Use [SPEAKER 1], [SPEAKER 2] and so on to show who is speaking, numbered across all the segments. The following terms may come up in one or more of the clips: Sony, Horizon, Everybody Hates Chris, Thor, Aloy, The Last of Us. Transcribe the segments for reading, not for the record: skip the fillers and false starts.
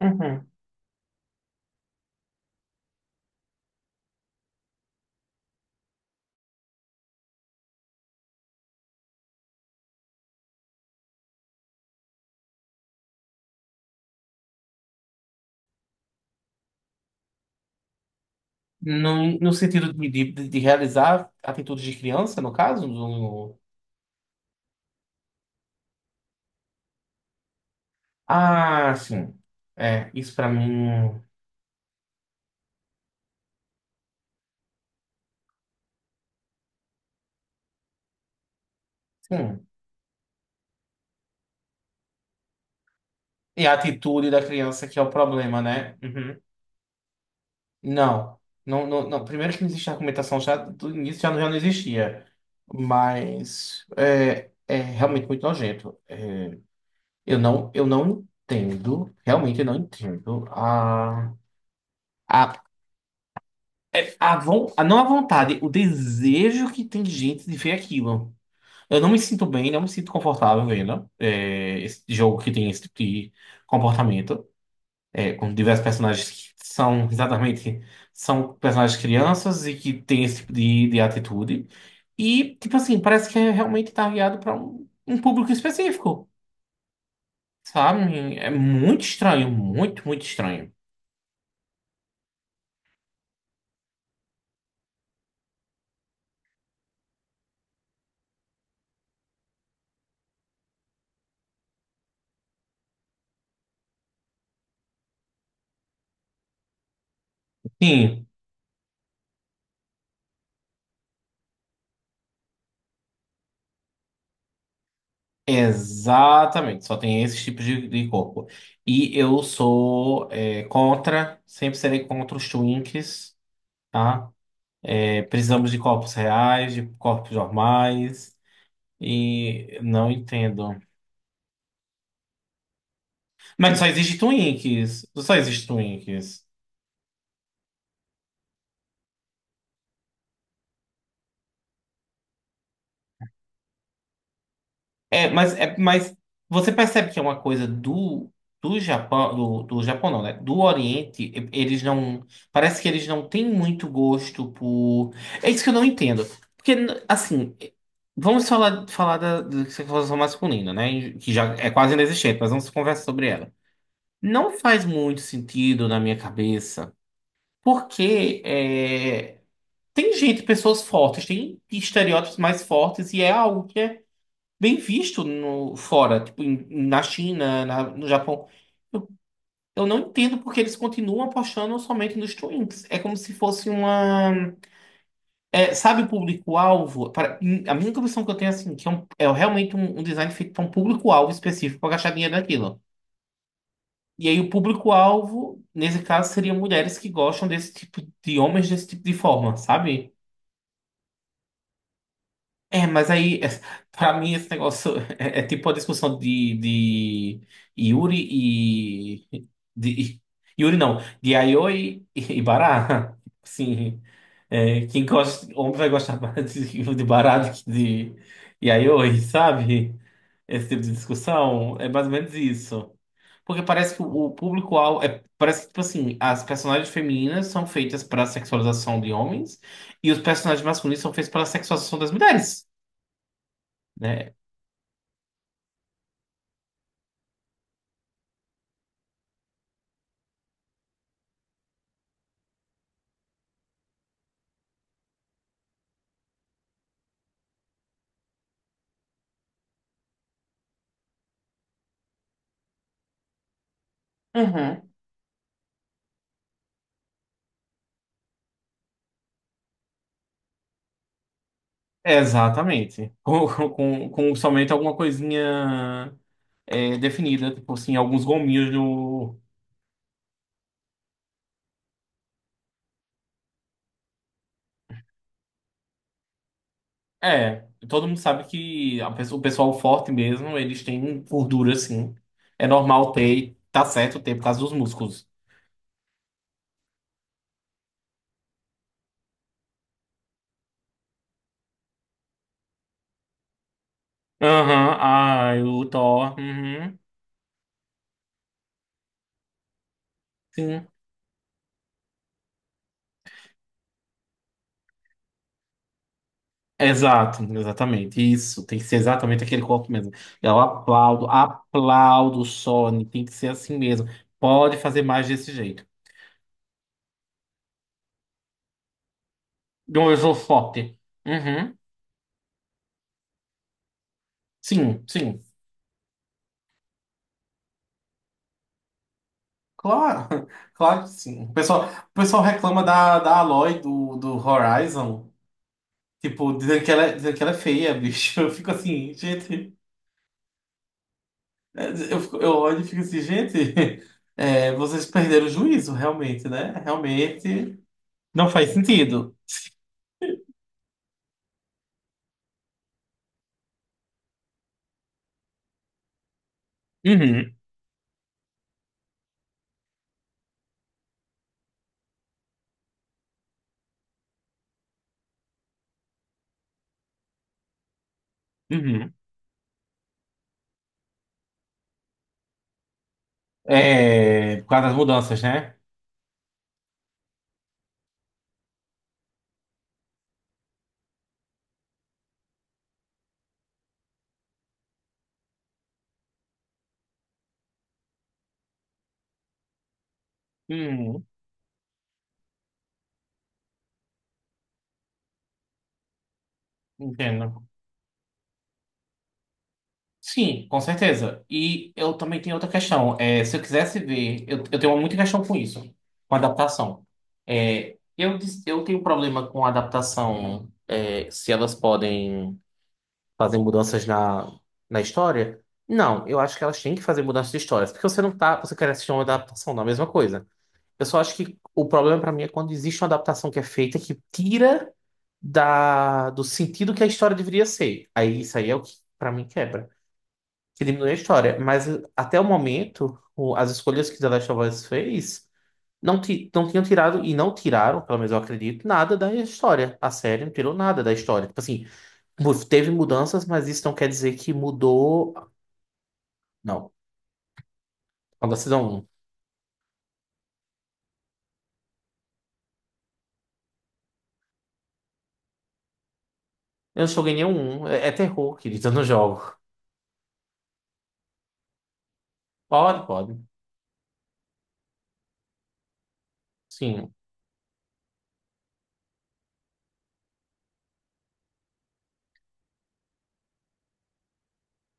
[SPEAKER 1] Uhum. No sentido de realizar atitudes de criança, no caso? Ah, sim. É, isso pra mim. Sim. E a atitude da criança que é o problema, né? Uhum. Não. Não. Primeiro que não existe argumentação, já do início já, já não existia. Mas é realmente muito nojento. É, eu não entendo, realmente eu não entendo a, não a vontade, o desejo que tem de gente de ver aquilo. Eu não me sinto bem, não me sinto confortável vendo esse jogo que tem esse tipo de comportamento, com diversos personagens que são exatamente são personagens crianças e que têm esse tipo de atitude. E, tipo assim, parece que é realmente targeado para um público específico, sabe? É muito estranho, muito, muito estranho. Sim. Exatamente, só tem esses tipos de corpo. E eu sou contra, sempre serei contra os twinks, tá? É, precisamos de corpos reais, de corpos normais, e não entendo. Mas só existe twinks, só existe twinks. Mas você percebe que é uma coisa do, do Japão não, né? Do Oriente, eles não. Parece que eles não têm muito gosto por. É isso que eu não entendo. Porque, assim, falar da, da sexualização masculina, né? Que já é quase inexistente, mas vamos conversar sobre ela. Não faz muito sentido na minha cabeça, porque tem gente, pessoas fortes, tem estereótipos mais fortes, e é algo que é bem visto no fora, tipo na China, no Japão. Eu, eu não entendo porque eles continuam apostando somente nos twinks. É como se fosse uma, sabe, o público-alvo. Para a minha impressão que eu tenho é assim, que é, é realmente um, um design feito para um público-alvo específico para gastar dinheiro naquilo. E aí o público-alvo, nesse caso, seriam mulheres que gostam desse tipo de homens desse tipo de forma, sabe? É, mas aí, é, pra mim, esse negócio é, é tipo a discussão de Yuri e. De, Yuri não, de Aioi e Bará. Sim. É, quem gosta, homem vai gostar mais de Bará do que de Yayoi, sabe? Esse tipo de discussão é mais ou menos isso. Porque parece que o, público-alvo. É, parece que, tipo assim, as personagens femininas são feitas para sexualização de homens e os personagens masculinos são feitos para sexualização das mulheres, né? Uhum. É, exatamente. Com somente alguma coisinha definida, tipo assim, alguns gominhos do. É, todo mundo sabe que a o pessoal forte mesmo, eles têm gordura, assim. É normal ter, e tá certo ter por causa dos músculos. Aham, ah, o Thor. Uhum, sim. Exato, exatamente. Isso, tem que ser exatamente aquele corpo mesmo. Aplaudo, o Sony, tem que ser assim mesmo. Pode fazer mais desse jeito. De um esofote. Uhum. Sim, sim. Claro, claro que sim. O pessoal reclama da, da Aloy do, do Horizon. Tipo, dizendo que ela é feia, bicho. Eu fico assim, gente. Eu olho e fico assim, gente. é, vocês perderam o juízo, realmente, né? Realmente não faz sentido. Uhum, uhum. É, por causa das mudanças, né? Uhum, entendo. Sim, com certeza. E eu também tenho outra questão. É, se eu quisesse ver, eu tenho muita questão com isso, com adaptação. É, eu tenho problema com adaptação, é, se elas podem fazer mudanças na, na história. Não, eu acho que elas têm que fazer mudanças de histórias, porque você não tá, você quer assistir uma adaptação da mesma coisa. Eu só acho que o problema para mim é quando existe uma adaptação que é feita que tira da, do sentido que a história deveria ser. Aí isso aí é o que para mim quebra que diminui a história. Mas até o momento, as escolhas que The Last of Us fez não, não tinham tirado, e não tiraram, pelo menos eu acredito, nada da história. A série não tirou nada da história. Tipo assim, teve mudanças, mas isso não quer dizer que mudou. Não, quando a Season 1. Eu não joguei nenhum. É, é terror, querido, eu não jogo. Pode, pode. Sim.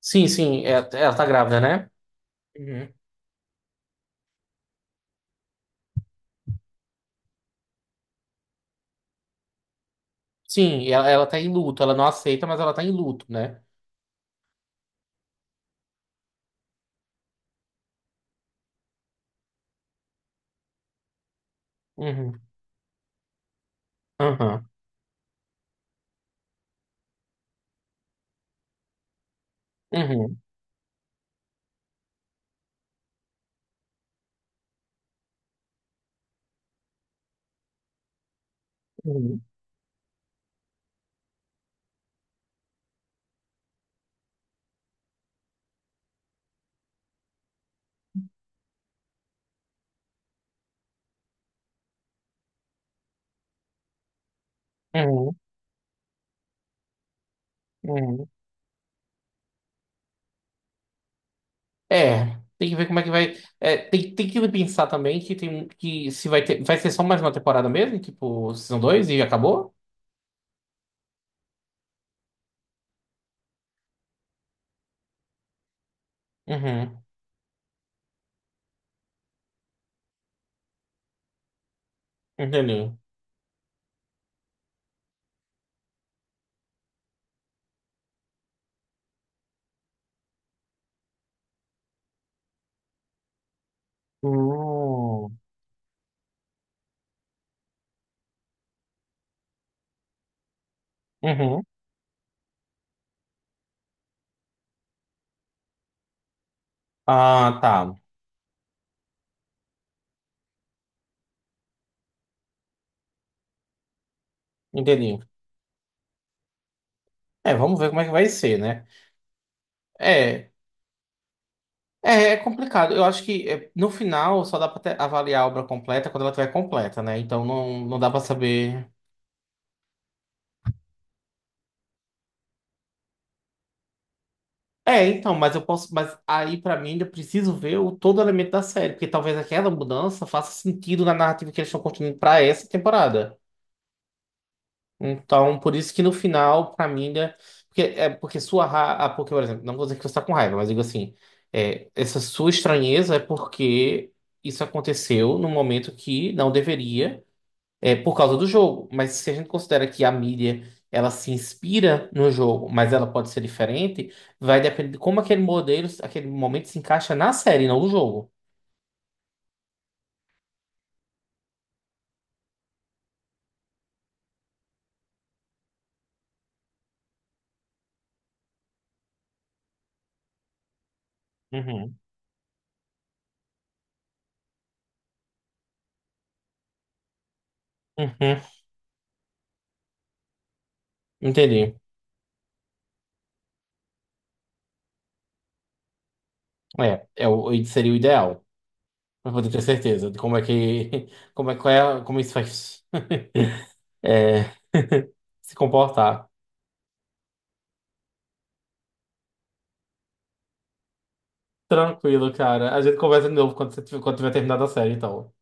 [SPEAKER 1] Sim, sim, ela tá grávida, né? Uhum. Sim, ela tá em luto. Ela não aceita, mas ela tá em luto, né? Uhum. Aham. Uhum. Uhum. Uhum. Uhum. É, tem que ver como é que vai. É, tem que pensar também que tem que se vai ter, vai ser só mais uma temporada mesmo, tipo, Season 2 e acabou? Uhum, entendi. Hum, Uhum. Ah, tá. Entendi. É, vamos ver como é que vai ser, né? É, é complicado. Eu acho que é, no final só dá pra avaliar a obra completa quando ela estiver completa, né? Então não, não dá pra saber. É, então, mas eu posso, mas aí pra mim eu preciso ver o todo o elemento da série, porque talvez aquela mudança faça sentido na narrativa que eles estão construindo pra essa temporada. Então, por isso que no final, pra mim ainda, porque é porque sua ra... ah, porque, por exemplo, não vou dizer que você tá com raiva, mas digo assim, é, essa sua estranheza é porque isso aconteceu num momento que não deveria é, por causa do jogo. Mas se a gente considera que a mídia ela se inspira no jogo, mas ela pode ser diferente, vai depender de como aquele modelo, aquele momento se encaixa na série, não no jogo. Uhum. Uhum, entendi. É, é o, seria o ideal, para poder ter certeza de como é que, como é, qual é, como isso faz é, se comportar. Tranquilo, cara. A gente conversa de novo quando, você, quando tiver terminado a série, então.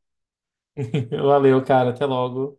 [SPEAKER 1] Valeu, cara. Até logo.